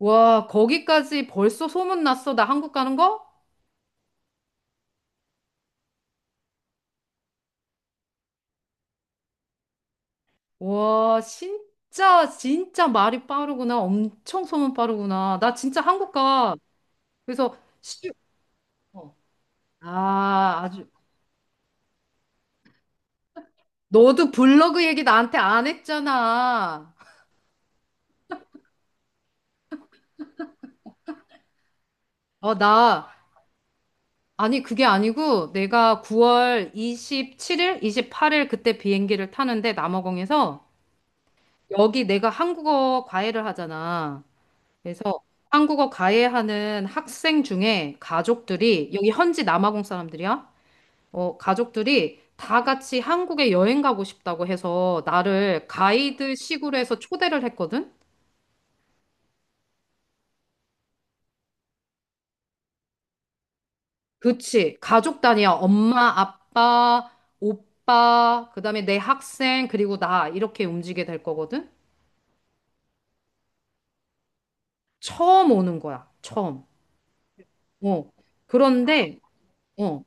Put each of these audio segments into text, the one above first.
와, 거기까지 벌써 소문났어? 나 한국 가는 거? 와, 진짜, 진짜 말이 빠르구나. 엄청 소문 빠르구나. 나 진짜 한국 가. 그래서, 시... 어. 아주. 너도 블로그 얘기 나한테 안 했잖아. 어, 나. 아니, 그게 아니고, 내가 9월 27일, 28일 그때 비행기를 타는데, 남아공에서, 여기 내가 한국어 과외를 하잖아. 그래서 한국어 가해하는 학생 중에 가족들이 여기 현지 남아공 사람들이야. 가족들이 다 같이 한국에 여행 가고 싶다고 해서 나를 가이드식으로 해서 초대를 했거든. 그치. 가족 단위야. 엄마, 아빠, 오빠, 그다음에 내 학생, 그리고 나 이렇게 움직이게 될 거거든. 처음 오는 거야. 처음. 어. 그런데 어.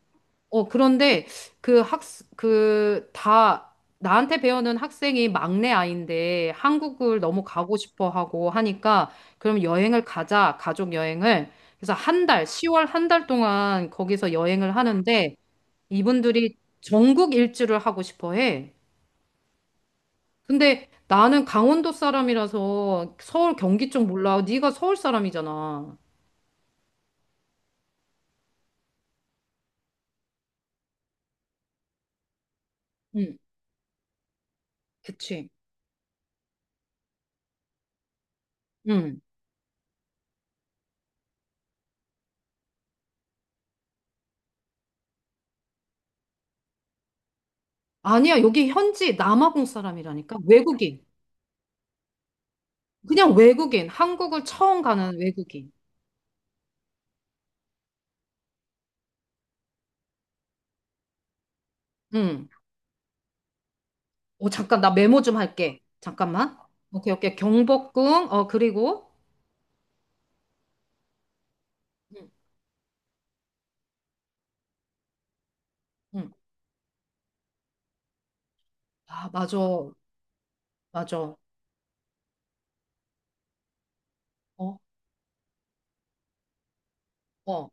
그런데 그 학, 그 다, 나한테 배우는 학생이 막내 아이인데 한국을 너무 가고 싶어 하고 하니까 그럼 여행을 가자, 가족 여행을. 그래서 한 달, 10월 한 달 동안 거기서 여행을 하는데 이분들이 전국 일주를 하고 싶어 해. 근데 나는 강원도 사람이라서 서울 경기 쪽 몰라. 네가 서울 사람이잖아. 응, 그치. 응. 아니야, 여기 현지 남아공 사람이라니까. 외국인. 그냥 외국인, 한국을 처음 가는 외국인. 응. 잠깐, 나 메모 좀 할게. 잠깐만. 오케이, 오케이. 경복궁, 그리고, 응, 응. 아, 맞아, 맞아. 어, 어,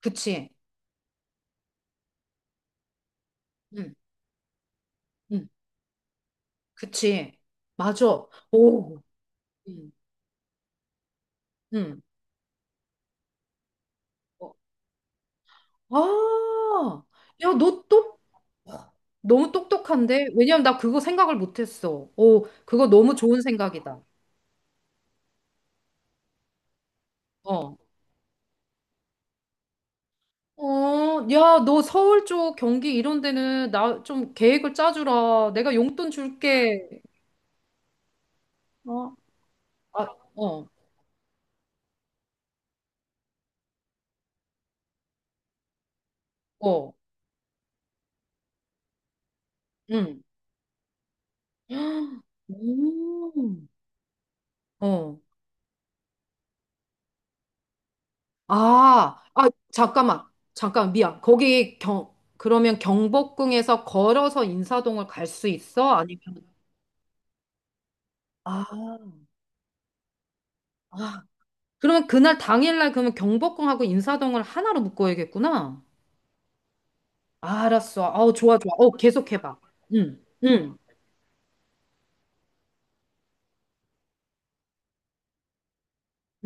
그치. 응, 응, 그치. 맞아. 오, 응, 응. 어, 아, 야, 너무 똑똑한데? 왜냐면 나 그거 생각을 못했어. 오, 그거 너무 좋은 생각이다. 어, 야, 너 서울 쪽 경기 이런 데는 나 좀 계획을 짜주라. 내가 용돈 줄게. 어, 아, 어, 어, 응. 음, 어. 아, 아, 잠깐만. 잠깐, 미안. 그러면 경복궁에서 걸어서 인사동을 갈 수 있어? 아니면, 아, 아. 그러면 그날 당일날 그러면 경복궁하고 인사동을 하나로 묶어야겠구나. 아, 알았어. 좋아, 좋아. 계속해봐. 응, 응,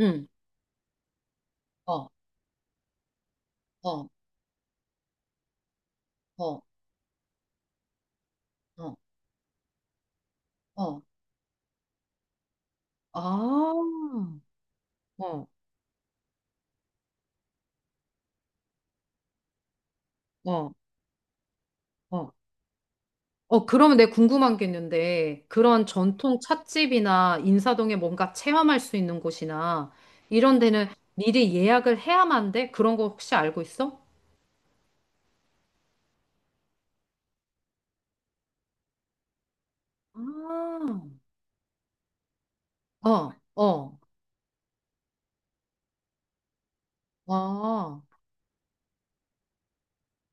응. 어. 어, 어, 어, 어. 아, 어, 어, 어. 그러면 내가 궁금한 게 있는데, 그런 전통 찻집이나 인사동에 뭔가 체험할 수 있는 곳이나, 이런 데는 미리 예약을 해야만 돼? 그런 거 혹시 알고 있어? 아, 어, 어, 아.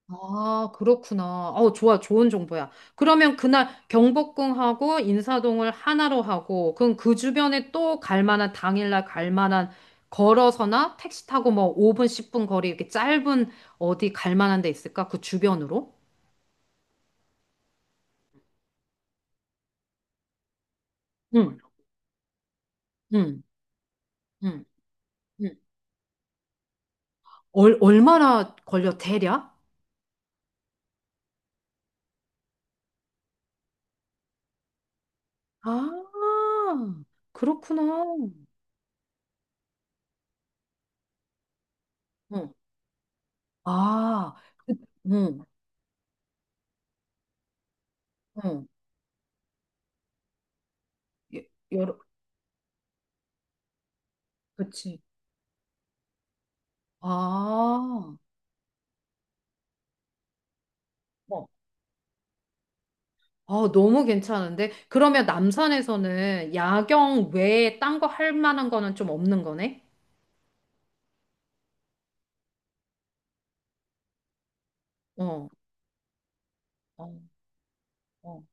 아, 그렇구나. 좋아. 좋은 정보야. 그러면 그날 경복궁하고 인사동을 하나로 하고, 그럼 그 주변에 또 갈 만한, 당일날 갈 만한, 걸어서나 택시 타고 뭐 5분, 10분 거리 이렇게 짧은 어디 갈 만한 데 있을까? 그 주변으로? 응, 응, 응, 응. 얼마나 걸려, 대략? 아, 그렇구나. 응. 아, 그- 응, 응. 여- 여러, 그치. 아. 너무 괜찮은데? 그러면 남산에서는 야경 외에 딴 거 할 만한 거는 좀 없는 거네? 어, 어, 어.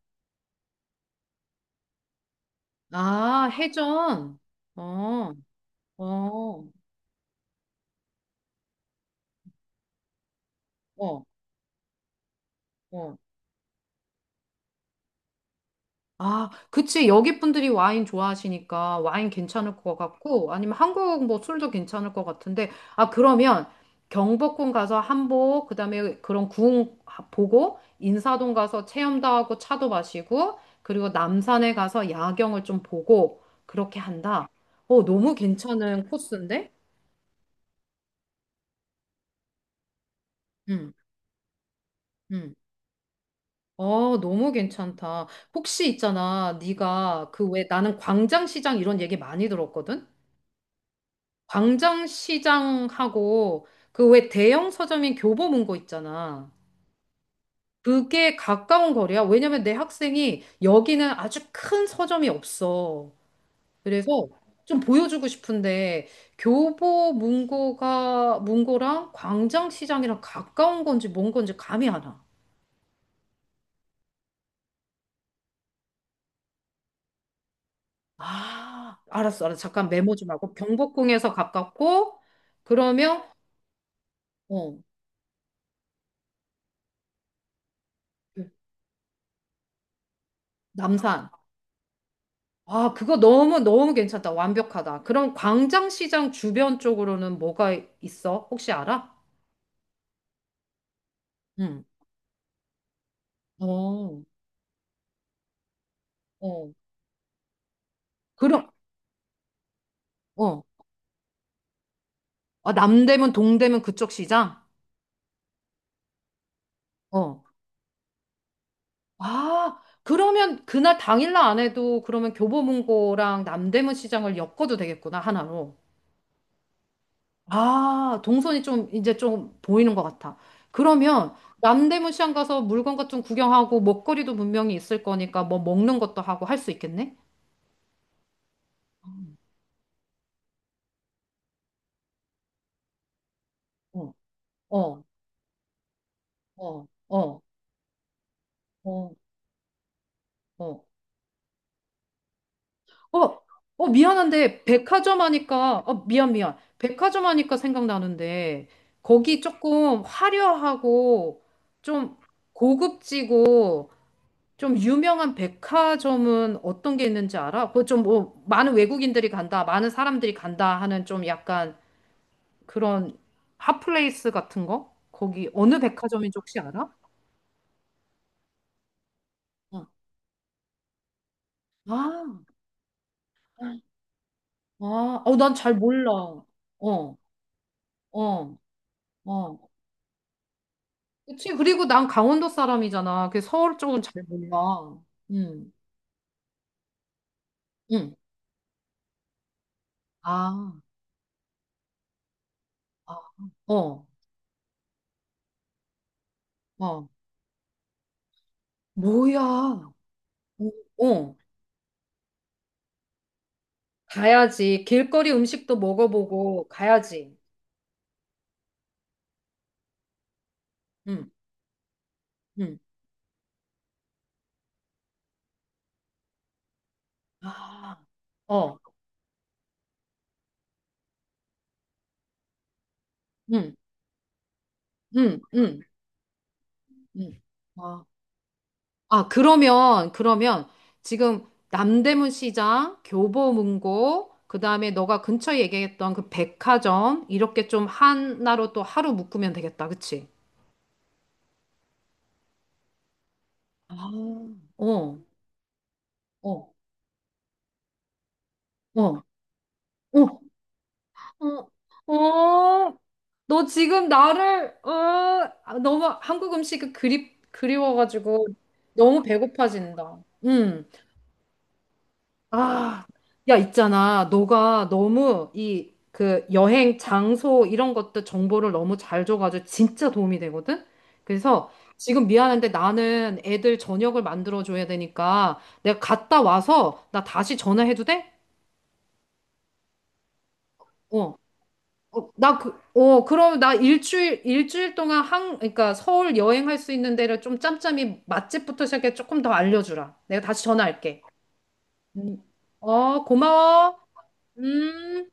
아, 해전. 어, 어, 어, 어. 아, 그치. 여기 분들이 와인 좋아하시니까 와인 괜찮을 것 같고, 아니면 한국 뭐 술도 괜찮을 것 같은데, 아, 그러면 경복궁 가서 한복, 그다음에 그런 궁 보고, 인사동 가서 체험도 하고 차도 마시고, 그리고 남산에 가서 야경을 좀 보고, 그렇게 한다. 너무 괜찮은 코스인데? 응, 응. 너무 괜찮다. 혹시 있잖아, 네가 그 왜 나는 광장시장 이런 얘기 많이 들었거든? 광장시장하고 그 왜 대형 서점인 교보문고 있잖아. 그게 가까운 거리야. 왜냐면 내 학생이 여기는 아주 큰 서점이 없어. 그래서 좀 보여주고 싶은데 교보문고가 문고랑 광장시장이랑 가까운 건지 뭔 건지 감이 안 와. 아, 알았어, 알았어. 잠깐 메모 좀 하고 경복궁에서 가깝고 그러면 어, 남산. 아, 그거 너무 너무 괜찮다. 완벽하다. 그럼 광장시장 주변 쪽으로는 뭐가 있어? 혹시 알아? 응. 어, 어. 그럼, 어. 아, 남대문, 동대문 그쪽 시장? 어. 아, 그러면 그날 당일날 안 해도 그러면 교보문고랑 남대문 시장을 엮어도 되겠구나, 하나로. 아, 동선이 좀 이제 좀 보이는 것 같아. 그러면 남대문 시장 가서 물건 같은 거 구경하고 먹거리도 분명히 있을 거니까 뭐 먹는 것도 하고 할 수 있겠네? 어, 어, 어, 어, 어. 어, 어, 미안한데, 백화점 하니까, 미안, 미안. 백화점 하니까 생각나는데, 거기 조금 화려하고, 좀 고급지고, 좀 유명한 백화점은 어떤 게 있는지 알아? 그거 좀 뭐, 많은 외국인들이 간다, 많은 사람들이 간다 하는 좀 약간 그런 핫플레이스 같은 거? 거기 어느 백화점인지 혹시 알아? 어. 아, 아, 어, 난 잘 몰라. 어. 어, 어. 그치. 그리고 난 강원도 사람이잖아. 그 서울 쪽은 잘 몰라. 응, 응. 아, 아, 어, 어. 뭐야. 어, 어. 가야지. 길거리 음식도 먹어보고 가야지. 응, 응. 아, 어, 응, 응, 응, 응. 아, 그러면, 그러면 지금 남대문 시장, 교보문고, 그 다음에 너가 근처에 얘기했던 그 백화점, 이렇게 좀 하나로 또 하루 묶으면 되겠다. 그치? 아, 어, 어, 어, 어, 어, 어. 너 지금 나를, 어, 아, 너무 한국 음식이 그리워가지고 너무 배고파진다. 응. 아, 야, 있잖아. 너가 너무 이 그 여행 장소 이런 것들 정보를 너무 잘 줘가지고 진짜 도움이 되거든? 그래서 지금 미안한데 나는 애들 저녁을 만들어줘야 되니까 내가 갔다 와서 나 다시 전화해도 돼? 어. 그럼 나 일주일 동안 그러니까 서울 여행할 수 있는 데를 좀 짬짬이 맛집부터 시작해 조금 더 알려주라. 내가 다시 전화할게. 음. 고마워. 음.